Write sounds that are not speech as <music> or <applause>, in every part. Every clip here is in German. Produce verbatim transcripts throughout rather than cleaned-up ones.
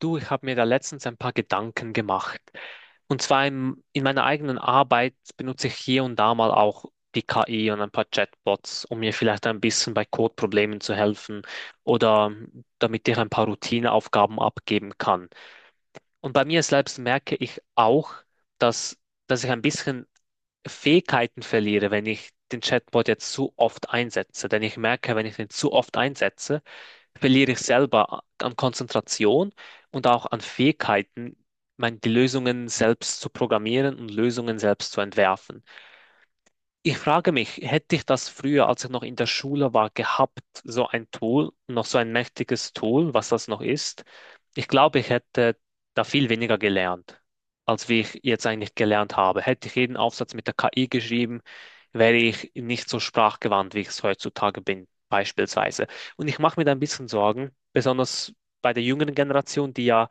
Du, ich habe mir da letztens ein paar Gedanken gemacht. Und zwar im, in meiner eigenen Arbeit benutze ich hier und da mal auch die K I und ein paar Chatbots, um mir vielleicht ein bisschen bei Codeproblemen zu helfen oder damit ich ein paar Routineaufgaben abgeben kann. Und bei mir selbst merke ich auch, dass, dass ich ein bisschen Fähigkeiten verliere, wenn ich den Chatbot jetzt zu oft einsetze. Denn ich merke, wenn ich den zu oft einsetze, verliere ich selber an Konzentration und auch an Fähigkeiten, mein, die Lösungen selbst zu programmieren und Lösungen selbst zu entwerfen. Ich frage mich, hätte ich das früher, als ich noch in der Schule war, gehabt, so ein Tool, noch so ein mächtiges Tool, was das noch ist? Ich glaube, ich hätte da viel weniger gelernt, als wie ich jetzt eigentlich gelernt habe. Hätte ich jeden Aufsatz mit der K I geschrieben, wäre ich nicht so sprachgewandt, wie ich es heutzutage bin, beispielsweise. Und ich mache mir da ein bisschen Sorgen, besonders bei der jüngeren Generation, die ja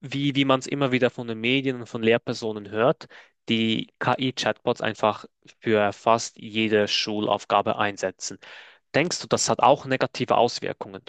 wie, wie man es immer wieder von den Medien und von Lehrpersonen hört, die K I-Chatbots einfach für fast jede Schulaufgabe einsetzen. Denkst du, das hat auch negative Auswirkungen?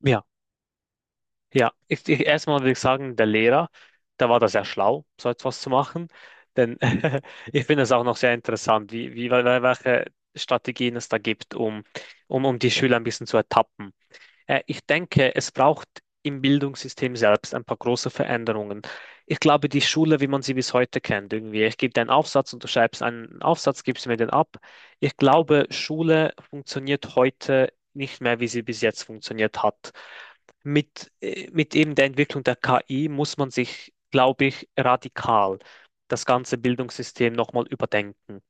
Ja, ja. Ich, ich, erstmal würde ich sagen, der Lehrer, da war das sehr schlau, so etwas zu machen. Denn <laughs> ich finde es auch noch sehr interessant, wie, wie, wel- welche Strategien es da gibt, um, um, um die Schüler ein bisschen zu ertappen. Äh, Ich denke, es braucht im Bildungssystem selbst ein paar große Veränderungen. Ich glaube, die Schule, wie man sie bis heute kennt, irgendwie, ich gebe dir einen Aufsatz und du schreibst einen Aufsatz, gibst mir den ab. Ich glaube, Schule funktioniert heute nicht mehr, wie sie bis jetzt funktioniert hat. Mit, äh, mit eben der Entwicklung der K I muss man sich, glaube ich, radikal das ganze Bildungssystem nochmal überdenken.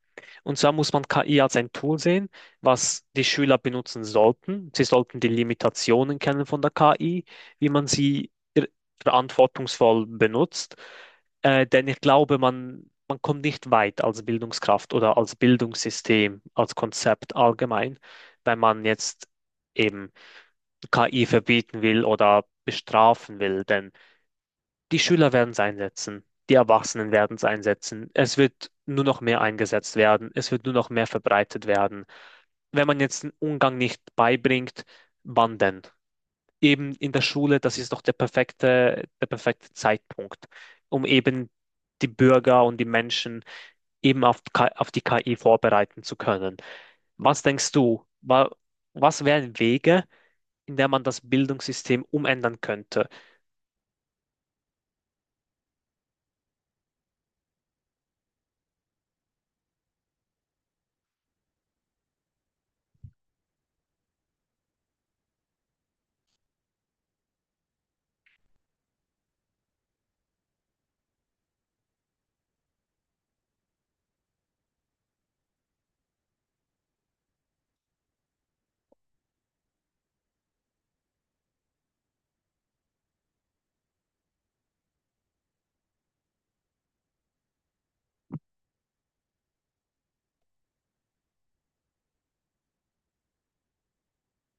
Und zwar muss man K I als ein Tool sehen, was die Schüler benutzen sollten. Sie sollten die Limitationen kennen von der K I, wie man sie ir- verantwortungsvoll benutzt. Äh, denn ich glaube, man, man kommt nicht weit als Bildungskraft oder als Bildungssystem, als Konzept allgemein, wenn man jetzt eben K I verbieten will oder bestrafen will. Denn die Schüler werden es einsetzen, die Erwachsenen werden es einsetzen. Es wird nur noch mehr eingesetzt werden, es wird nur noch mehr verbreitet werden. Wenn man jetzt den Umgang nicht beibringt, wann denn? Eben in der Schule, das ist doch der perfekte, der perfekte Zeitpunkt, um eben die Bürger und die Menschen eben auf, K- auf die K I vorbereiten zu können. Was denkst du, wa- was wären Wege, in der man das Bildungssystem umändern könnte?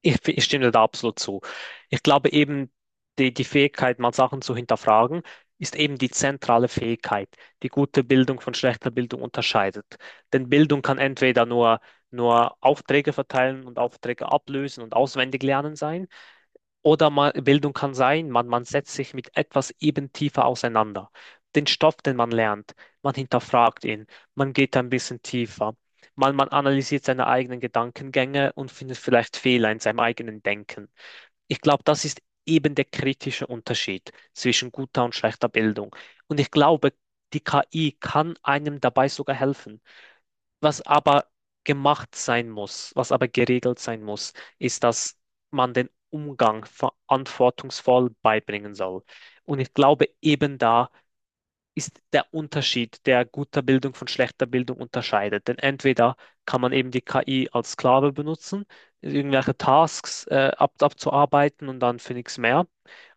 Ich, ich stimme dir da absolut zu. Ich glaube eben, die, die Fähigkeit, mal Sachen zu hinterfragen, ist eben die zentrale Fähigkeit, die gute Bildung von schlechter Bildung unterscheidet. Denn Bildung kann entweder nur, nur Aufträge verteilen und Aufträge ablösen und auswendig lernen sein. Oder man, Bildung kann sein, man, man setzt sich mit etwas eben tiefer auseinander. Den Stoff, den man lernt, man hinterfragt ihn, man geht ein bisschen tiefer. Man, man analysiert seine eigenen Gedankengänge und findet vielleicht Fehler in seinem eigenen Denken. Ich glaube, das ist eben der kritische Unterschied zwischen guter und schlechter Bildung. Und ich glaube, die K I kann einem dabei sogar helfen. Was aber gemacht sein muss, was aber geregelt sein muss, ist, dass man den Umgang verantwortungsvoll beibringen soll. Und ich glaube, eben da ist der Unterschied, der guter Bildung von schlechter Bildung unterscheidet. Denn entweder kann man eben die K I als Sklave benutzen, irgendwelche Tasks äh, ab abzuarbeiten und dann für nichts mehr.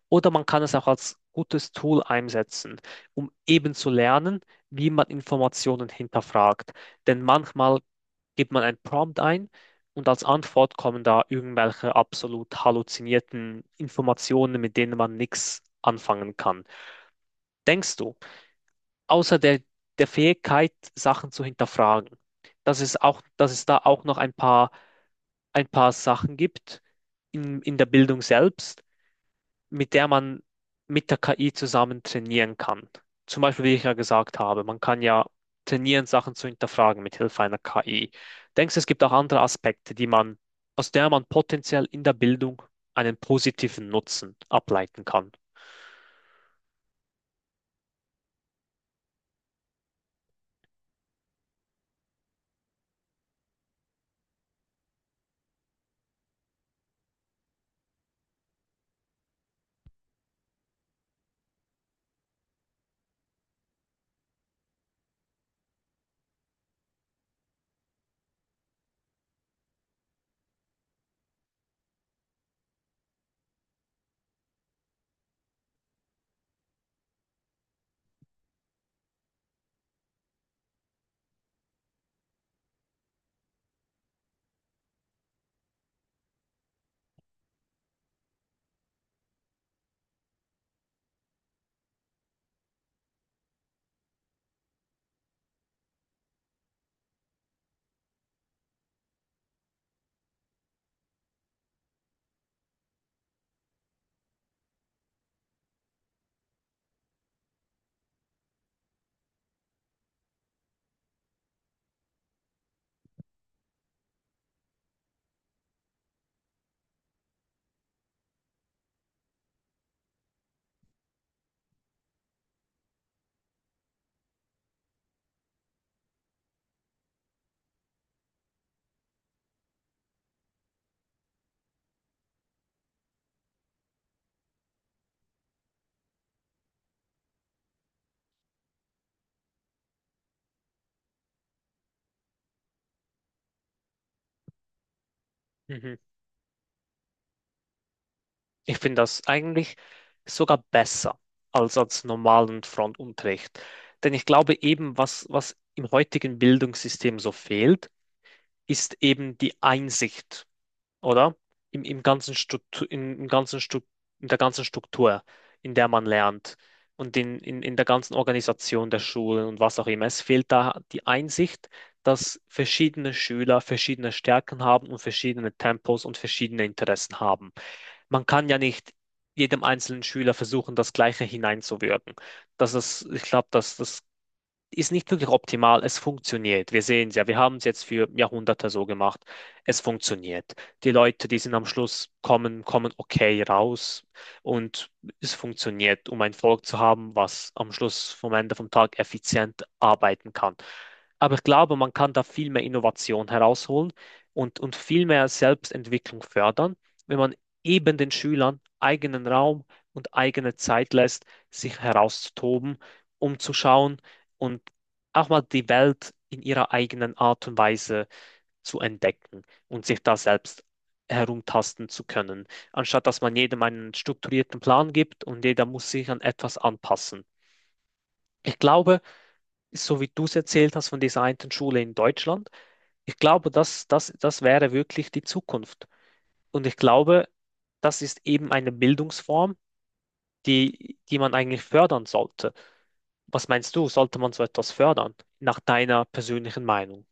Oder man kann es auch als gutes Tool einsetzen, um eben zu lernen, wie man Informationen hinterfragt. Denn manchmal gibt man ein Prompt ein und als Antwort kommen da irgendwelche absolut halluzinierten Informationen, mit denen man nichts anfangen kann. Denkst du, außer der, der Fähigkeit, Sachen zu hinterfragen, dass es auch, dass es da auch noch ein paar, ein paar Sachen gibt in, in der Bildung selbst, mit der man mit der K I zusammen trainieren kann? Zum Beispiel, wie ich ja gesagt habe, man kann ja trainieren, Sachen zu hinterfragen mit Hilfe einer K I. Denkst du, es gibt auch andere Aspekte, die man, aus der man potenziell in der Bildung einen positiven Nutzen ableiten kann? Mhm. Ich finde das eigentlich sogar besser als als normalen Frontunterricht. Denn ich glaube eben, was, was im heutigen Bildungssystem so fehlt, ist eben die Einsicht, oder? Im, im ganzen Struktur, in, im ganzen Stru- In der ganzen Struktur, in der man lernt und in, in, in der ganzen Organisation der Schulen und was auch immer. Es fehlt da die Einsicht, dass verschiedene Schüler verschiedene Stärken haben und verschiedene Tempos und verschiedene Interessen haben. Man kann ja nicht jedem einzelnen Schüler versuchen, das Gleiche hineinzuwirken. Das ist, ich glaube, das, das ist nicht wirklich optimal. Es funktioniert. Wir sehen es ja. Wir haben es jetzt für Jahrhunderte so gemacht. Es funktioniert. Die Leute, die sind am Schluss kommen, kommen okay raus. Und es funktioniert, um ein Volk zu haben, was am Schluss vom Ende vom Tag effizient arbeiten kann. Aber ich glaube, man kann da viel mehr Innovation herausholen und, und viel mehr Selbstentwicklung fördern, wenn man eben den Schülern eigenen Raum und eigene Zeit lässt, sich herauszutoben, um zu schauen, und auch mal die Welt in ihrer eigenen Art und Weise zu entdecken und sich da selbst herumtasten zu können, anstatt dass man jedem einen strukturierten Plan gibt und jeder muss sich an etwas anpassen. Ich glaube, so wie du es erzählt hast von dieser einen Schule in Deutschland, ich glaube, das, das, das wäre wirklich die Zukunft. Und ich glaube, das ist eben eine Bildungsform, die, die man eigentlich fördern sollte. Was meinst du, sollte man so etwas fördern, nach deiner persönlichen Meinung?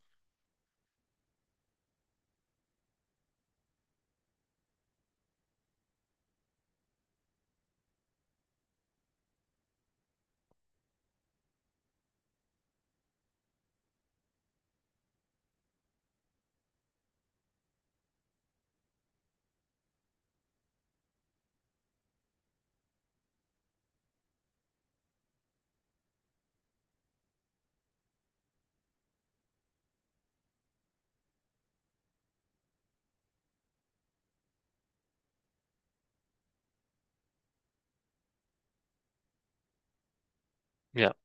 Ja.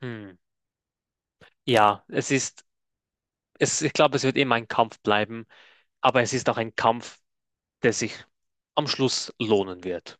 Hm. Ja, es ist, es, ich glaube, es wird immer ein Kampf bleiben, aber es ist auch ein Kampf, der sich am Schluss lohnen wird.